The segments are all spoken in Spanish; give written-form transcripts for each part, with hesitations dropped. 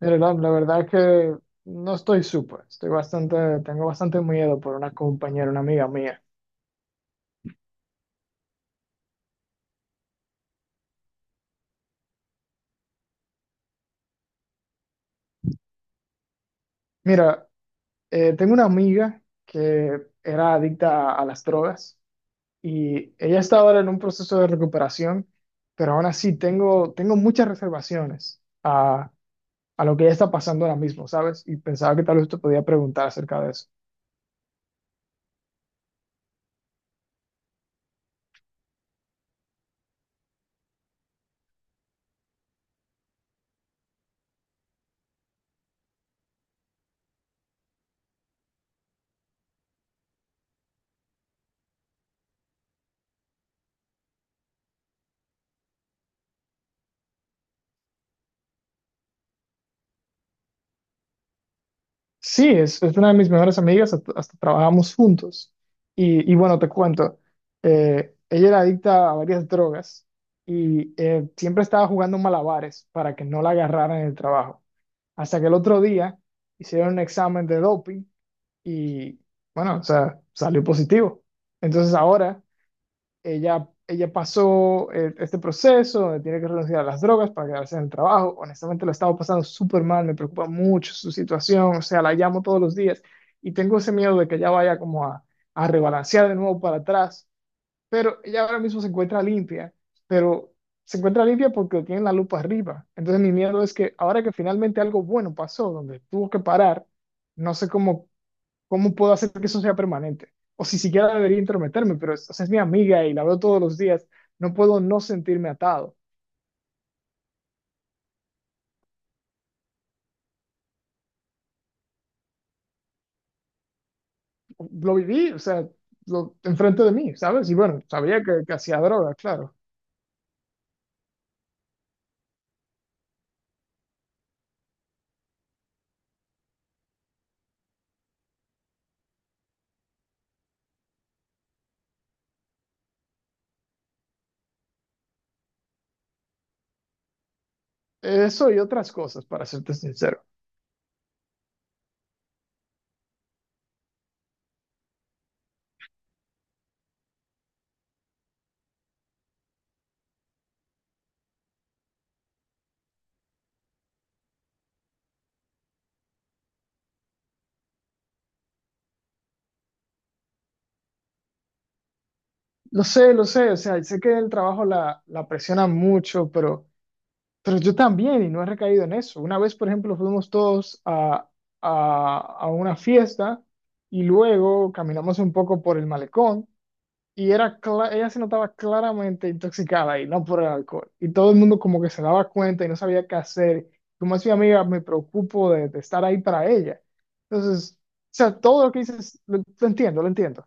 Mira, la verdad es que no estoy súper, estoy bastante, tengo bastante miedo por una compañera, una amiga mía. Mira, tengo una amiga que era adicta a las drogas y ella está ahora en un proceso de recuperación, pero aún así tengo muchas reservaciones a lo que ella está pasando ahora mismo, ¿sabes? Y pensaba que tal vez te podía preguntar acerca de eso. Sí, es una de mis mejores amigas, hasta trabajamos juntos. Y bueno, te cuento, ella era adicta a varias drogas y siempre estaba jugando malabares para que no la agarraran en el trabajo. Hasta que el otro día hicieron un examen de doping y bueno, o sea, salió positivo. Entonces ahora ella pasó este proceso donde tiene que renunciar a las drogas para quedarse en el trabajo. Honestamente, lo estaba pasando súper mal, me preocupa mucho su situación, o sea, la llamo todos los días y tengo ese miedo de que ella vaya como a rebalancear de nuevo para atrás. Pero ella ahora mismo se encuentra limpia, pero se encuentra limpia porque tiene la lupa arriba. Entonces mi miedo es que ahora que finalmente algo bueno pasó, donde tuvo que parar, no sé cómo. ¿Cómo puedo hacer que eso sea permanente? O si siquiera debería intrometerme, pero es, o sea, es mi amiga y la veo todos los días, no puedo no sentirme atado. Lo viví, o sea, lo, enfrente de mí, ¿sabes? Y bueno, sabía que hacía droga, claro. Eso y otras cosas, para serte sincero. Lo sé, o sea, sé que el trabajo la presiona mucho, pero yo también y no he recaído en eso. Una vez, por ejemplo, fuimos todos a una fiesta y luego caminamos un poco por el malecón y era ella se notaba claramente intoxicada y no por el alcohol. Y todo el mundo como que se daba cuenta y no sabía qué hacer. Como es mi amiga, me preocupo de estar ahí para ella. Entonces, o sea, todo lo que dices, lo entiendo, lo entiendo.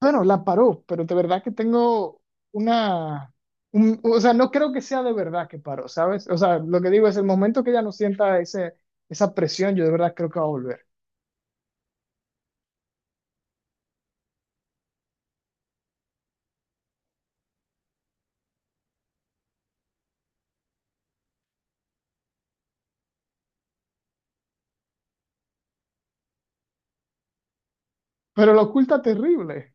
Bueno, la paró, pero de verdad que tengo una... O sea, no creo que sea de verdad que paró, ¿sabes? O sea, lo que digo es, el momento que ella no sienta esa presión, yo de verdad creo que va a volver. Pero lo oculta terrible.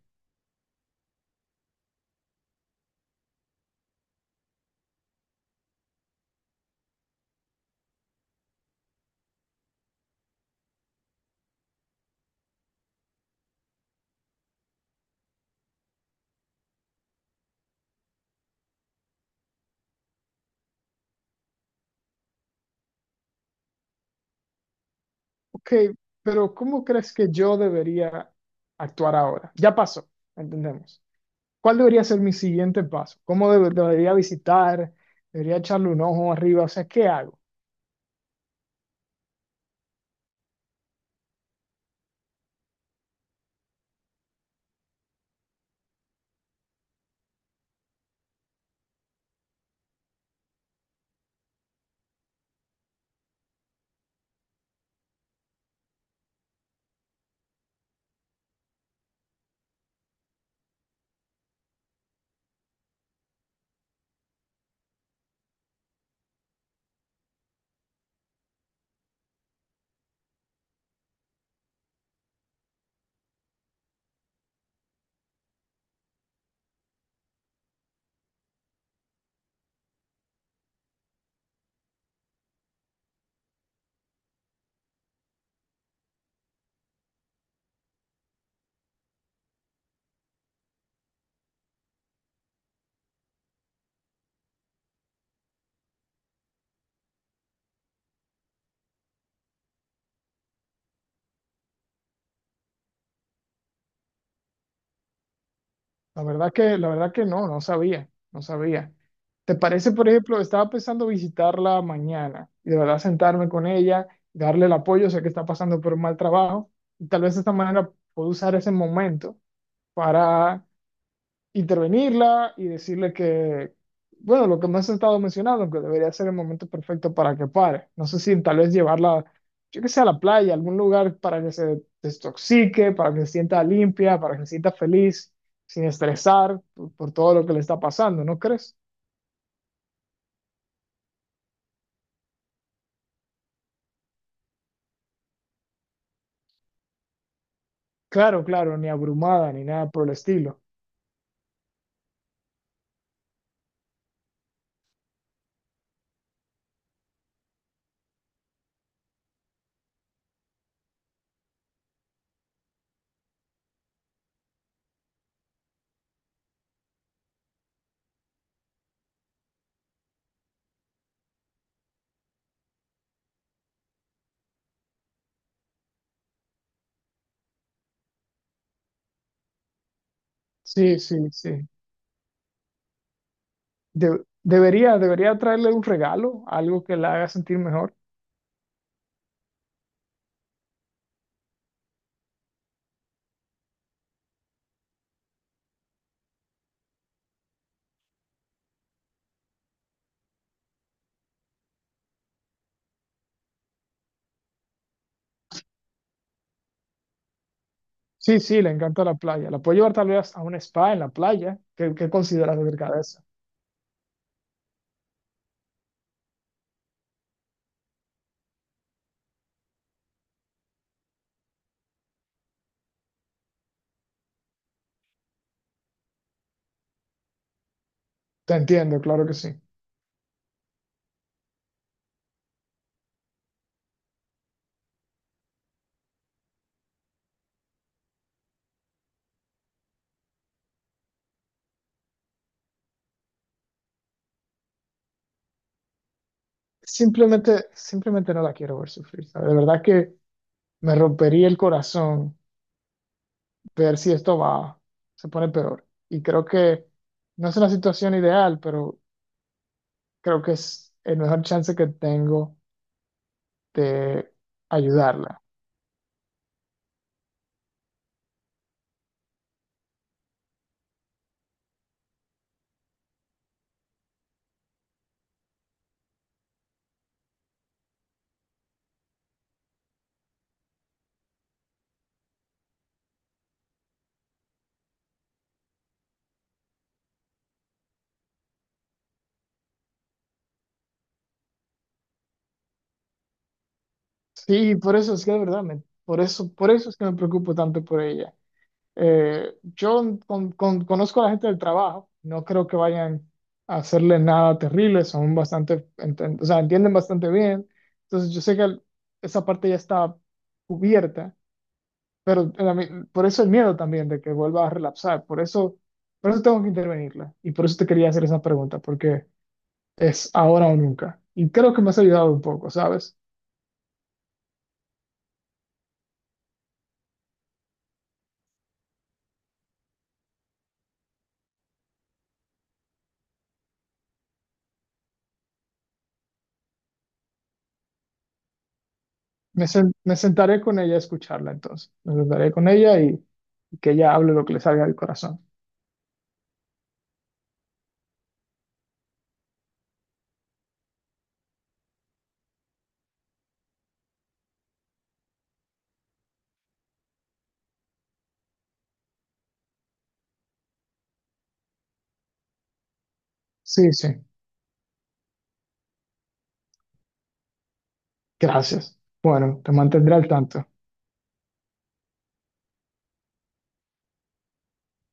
Ok, pero ¿cómo crees que yo debería actuar ahora? Ya pasó, entendemos. ¿Cuál debería ser mi siguiente paso? ¿Cómo debería visitar? ¿Debería echarle un ojo arriba? O sea, ¿qué hago? La verdad que no, no sabía, no sabía. ¿Te parece? Por ejemplo, estaba pensando visitarla mañana y de verdad sentarme con ella, darle el apoyo, sé que está pasando por un mal trabajo y tal vez de esta manera puedo usar ese momento para intervenirla y decirle que, bueno, lo que me has estado mencionando, que debería ser el momento perfecto para que pare. No sé si tal vez llevarla, yo que sé, a la playa, a algún lugar para que se desintoxique, para que se sienta limpia, para que se sienta feliz, sin estresar por todo lo que le está pasando, ¿no crees? Claro, claro, ni abrumada, ni nada por el estilo. Sí, sí, sí. Debería, debería traerle un regalo, algo que la haga sentir mejor. Sí, sí, le encanta la playa. La puedo llevar tal vez a un spa en la playa. ¿Qué, qué consideras acerca de eso? Te entiendo, claro que sí. Simplemente, simplemente no la quiero ver sufrir, ¿sabes? De verdad que me rompería el corazón ver si esto va, se pone peor. Y creo que no es una situación ideal, pero creo que es el mejor chance que tengo de ayudarla. Sí, por eso es que de verdad, por eso es que me preocupo tanto por ella. Yo conozco a la gente del trabajo, no creo que vayan a hacerle nada terrible, son bastante, o sea, entienden bastante bien. Entonces yo sé que esa parte ya está cubierta, pero a por eso el miedo también de que vuelva a relapsar, por eso tengo que intervenirla y por eso te quería hacer esa pregunta, porque es ahora o nunca. Y creo que me has ayudado un poco, ¿sabes? Me sentaré con ella a escucharla entonces, me sentaré con ella y que ella hable lo que le salga del corazón. Sí, sí. Gracias. Bueno, te mantendré al tanto.